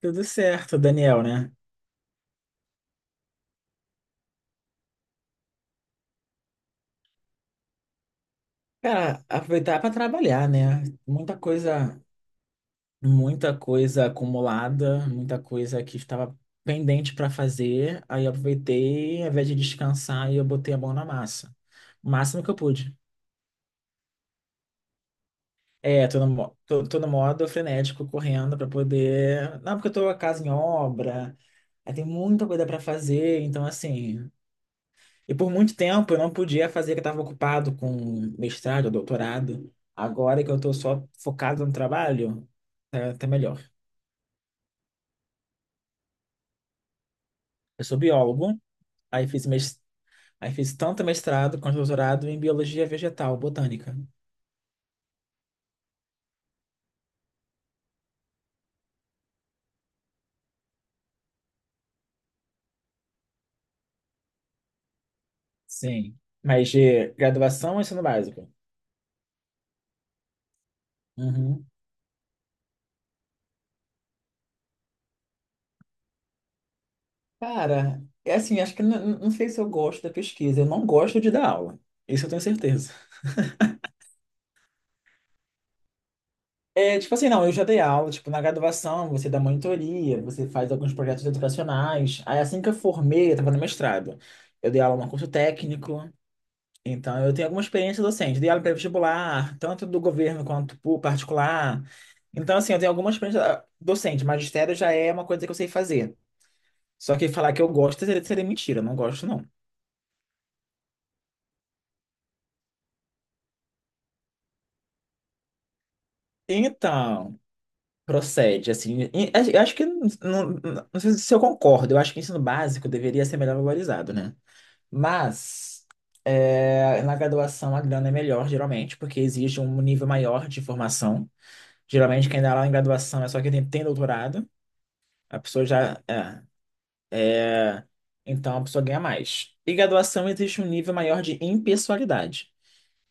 Tudo certo, Daniel, né? Cara, aproveitar para trabalhar, né? Muita coisa acumulada, muita coisa que estava pendente para fazer. Aí eu aproveitei, ao invés de descansar, eu botei a mão na massa. O máximo que eu pude. É, tô no modo frenético, correndo para poder. Não, porque eu tô a casa em obra, aí tem muita coisa para fazer, então assim. E por muito tempo eu não podia fazer, que eu estava ocupado com mestrado, doutorado. Agora que eu estou só focado no trabalho, tá melhor. Eu sou biólogo, aí fiz, mes- aí fiz tanto mestrado quanto doutorado em biologia vegetal, botânica. Sim. Mas de graduação é ensino básico. Uhum. Cara, é assim, acho que não sei se eu gosto da pesquisa. Eu não gosto de dar aula. Isso eu tenho certeza. É, tipo assim, não, eu já dei aula, tipo, na graduação, você dá monitoria, você faz alguns projetos educacionais. Aí assim que eu formei, eu tava no mestrado. Eu dei aula num curso técnico, então eu tenho alguma experiência docente. Dei aula para vestibular, tanto do governo quanto particular. Então, assim, eu tenho alguma experiência docente. Magistério já é uma coisa que eu sei fazer. Só que falar que eu gosto seria mentira, eu não gosto, não. Então, procede, assim, eu acho que, não, não, não sei se eu concordo, eu acho que o ensino básico deveria ser melhor valorizado, né? Mas é, na graduação a grana é melhor, geralmente, porque exige um nível maior de formação. Geralmente, quem dá lá em graduação é só quem tem doutorado, a pessoa já. É. Então, a pessoa ganha mais. E graduação existe um nível maior de impessoalidade.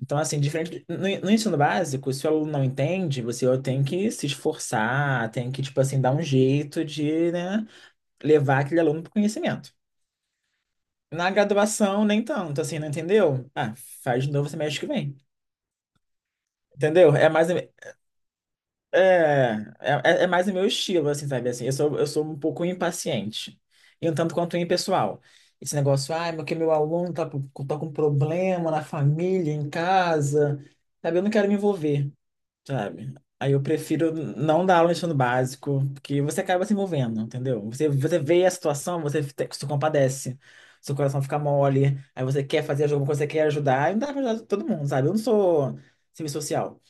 Então, assim, diferente. No ensino básico, se o aluno não entende, você tem que se esforçar, tem que, tipo assim, dar um jeito de, né, levar aquele aluno para o conhecimento. Na graduação, nem tanto, assim, não entendeu? Faz de novo semestre que vem. Entendeu? É mais, é, é, é é mais o meu estilo, assim, sabe? Assim, eu sou um pouco impaciente. E um tanto quanto impessoal. Esse negócio, meu, que meu aluno tá com problema na família, em casa, sabe? Eu não quero me envolver, sabe? Aí eu prefiro não dar aula no ensino básico, porque você acaba se envolvendo, entendeu? Você vê a situação, você se compadece, seu coração fica mole, aí você quer fazer alguma coisa, você quer ajudar, e não dá pra ajudar todo mundo, sabe? Eu não sou serviço social.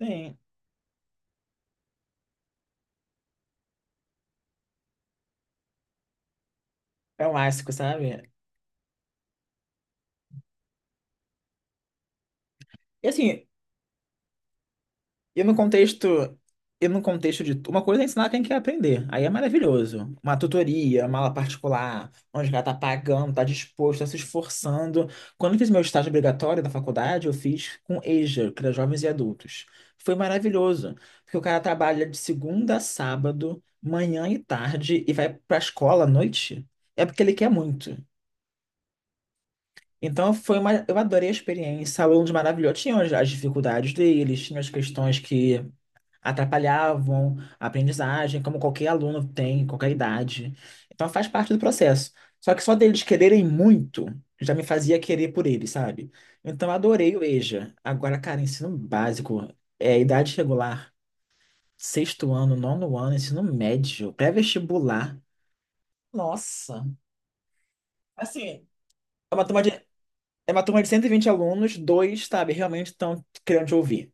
Sim, é um clássico, sabe? E assim, e no contexto, e no contexto de uma coisa é ensinar quem quer aprender. Aí é maravilhoso. Uma tutoria, uma aula particular, onde o cara tá pagando, tá disposto, tá se esforçando. Quando eu fiz meu estágio obrigatório da faculdade, eu fiz com EJA, que era jovens e adultos. Foi maravilhoso, porque o cara trabalha de segunda a sábado, manhã e tarde, e vai pra escola à noite. É porque ele quer muito. Então foi uma, eu adorei a experiência, alunos maravilhosos, tinham as dificuldades deles, tinham as questões que atrapalhavam a aprendizagem, como qualquer aluno tem, em qualquer idade. Então faz parte do processo. Só que só deles quererem muito já me fazia querer por eles, sabe? Então adorei o EJA. Agora, cara, ensino básico, é idade regular, sexto ano, nono ano, ensino médio, pré-vestibular. Nossa, assim, é uma turma de É uma turma de 120 alunos, dois, sabe, realmente estão querendo te ouvir.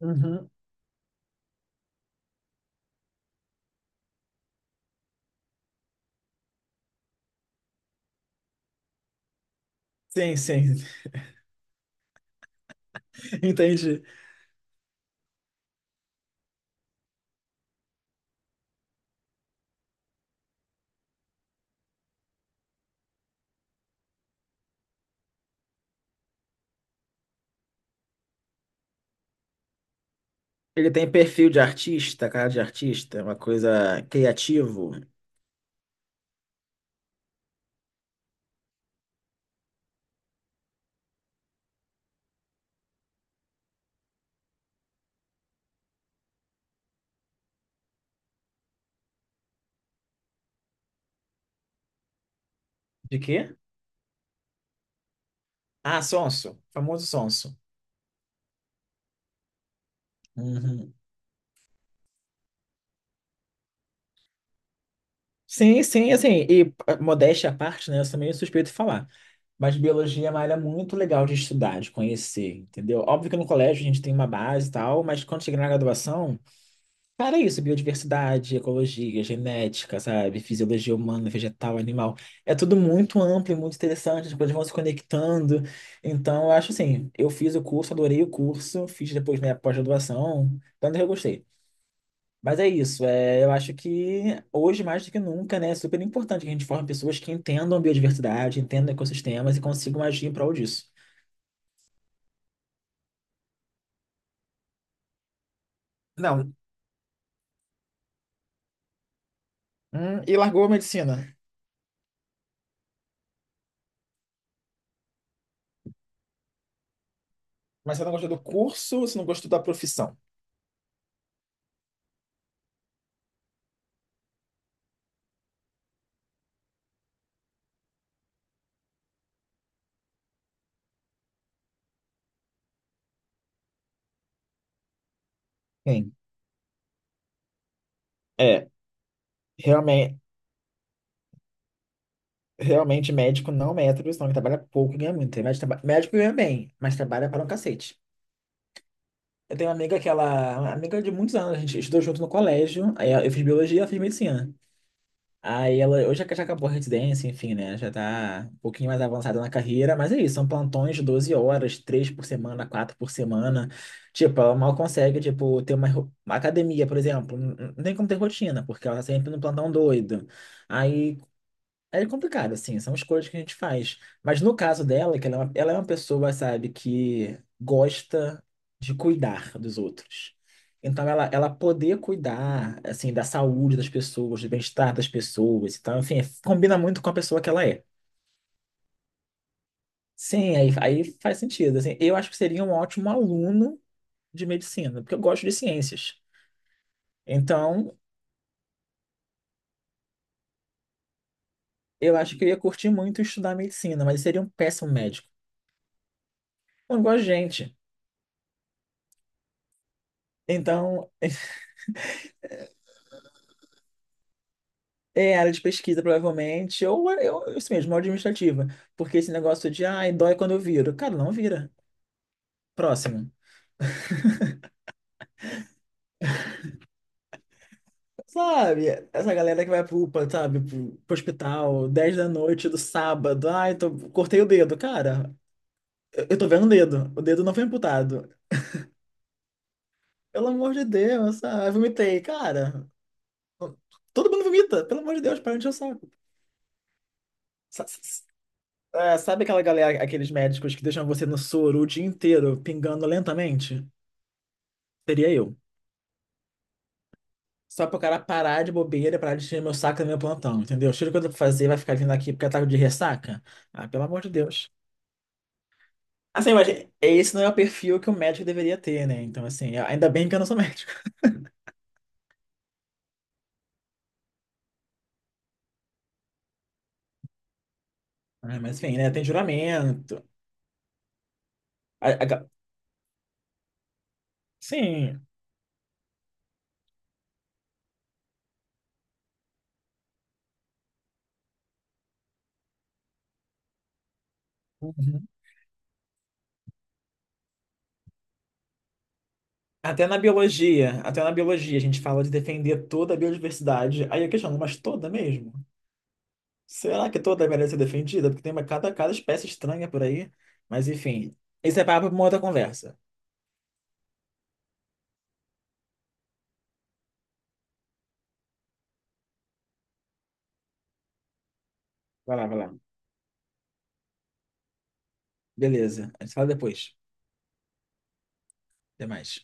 Uhum. Sim, sim, entendi. Ele tem perfil de artista, cara de artista, uma coisa criativo. De quê? Ah, sonso, famoso sonso. Uhum. Sim, sim, assim, e modéstia à parte, né? Eu sou meio suspeito de falar. Mas biologia é uma área muito legal de estudar, de conhecer, entendeu? Óbvio que no colégio a gente tem uma base e tal, mas quando chega na graduação. Cara, é isso, biodiversidade, ecologia, genética, sabe? Fisiologia humana, vegetal, animal. É tudo muito amplo e muito interessante, as coisas vão se conectando. Então, eu acho assim, eu fiz o curso, adorei o curso, fiz depois minha pós-graduação, tanto que eu gostei. Mas é isso, é, eu acho que hoje, mais do que nunca, né, é super importante que a gente forme pessoas que entendam biodiversidade, entendam ecossistemas e consigam agir em prol disso. Não, e largou a medicina. Mas você não gostou do curso, você não gostou da profissão? Sim. É, realmente. Realmente, médico não é profissão que trabalha pouco e ganha muito. Médico ganha bem, mas trabalha para um cacete. Eu tenho uma amiga que ela, uma amiga de muitos anos, a gente estudou junto no colégio. Aí eu fiz biologia, ela fez medicina. Aí ela hoje já já acabou a residência, enfim, né? Já tá um pouquinho mais avançada na carreira, mas é isso, são plantões de 12 horas, três por semana, quatro por semana. Tipo, ela mal consegue, tipo, ter uma academia, por exemplo. Não tem como ter rotina, porque ela tá sempre no plantão doido. Aí é complicado, assim, são escolhas que a gente faz. Mas no caso dela, que ela é uma, pessoa, sabe, que gosta de cuidar dos outros. Então, ela poder cuidar, assim, da saúde das pessoas, do bem-estar das pessoas então, enfim, combina muito com a pessoa que ela é. Sim, aí faz sentido, assim. Eu acho que seria um ótimo aluno de medicina, porque eu gosto de ciências. Então, eu acho que eu ia curtir muito estudar medicina, mas seria um péssimo médico. Eu não gosto de gente. Então, é área de pesquisa, provavelmente, ou é, eu, isso mesmo, administrativa. Porque esse negócio de, ai, dói quando eu viro. Cara, não vira. Próximo. Sabe? Essa galera que vai pro UPA, sabe? Pro hospital, 10 da noite do sábado. Ai, cortei o dedo. Cara, eu tô vendo o dedo. O dedo não foi amputado. Pelo amor de Deus, sabe? Eu vomitei. Cara, todo mundo vomita. Pelo amor de Deus, para de encher o saco. Sa- sa- sa- Sabe aquela galera, aqueles médicos que deixam você no soro o dia inteiro, pingando lentamente? Seria eu. Só pro cara parar de bobeira, parar de tirar meu saco do meu plantão, entendeu? Cheiro que eu tô pra fazer, vai ficar vindo aqui porque eu tava de ressaca? Ah, pelo amor de Deus. Assim, mas esse não é o perfil que o médico deveria ter, né? Então, assim, ainda bem que eu não sou médico. Ah, mas, enfim, né? Tem juramento. A- a ga- Sim. Uhum. Até na biologia, a gente fala de defender toda a biodiversidade. Aí eu questiono, mas toda mesmo? Será que toda merece ser defendida? Porque tem cada espécie estranha por aí. Mas enfim, esse é papo para uma outra conversa. Vai lá, vai lá. Beleza, a gente fala depois. Até mais.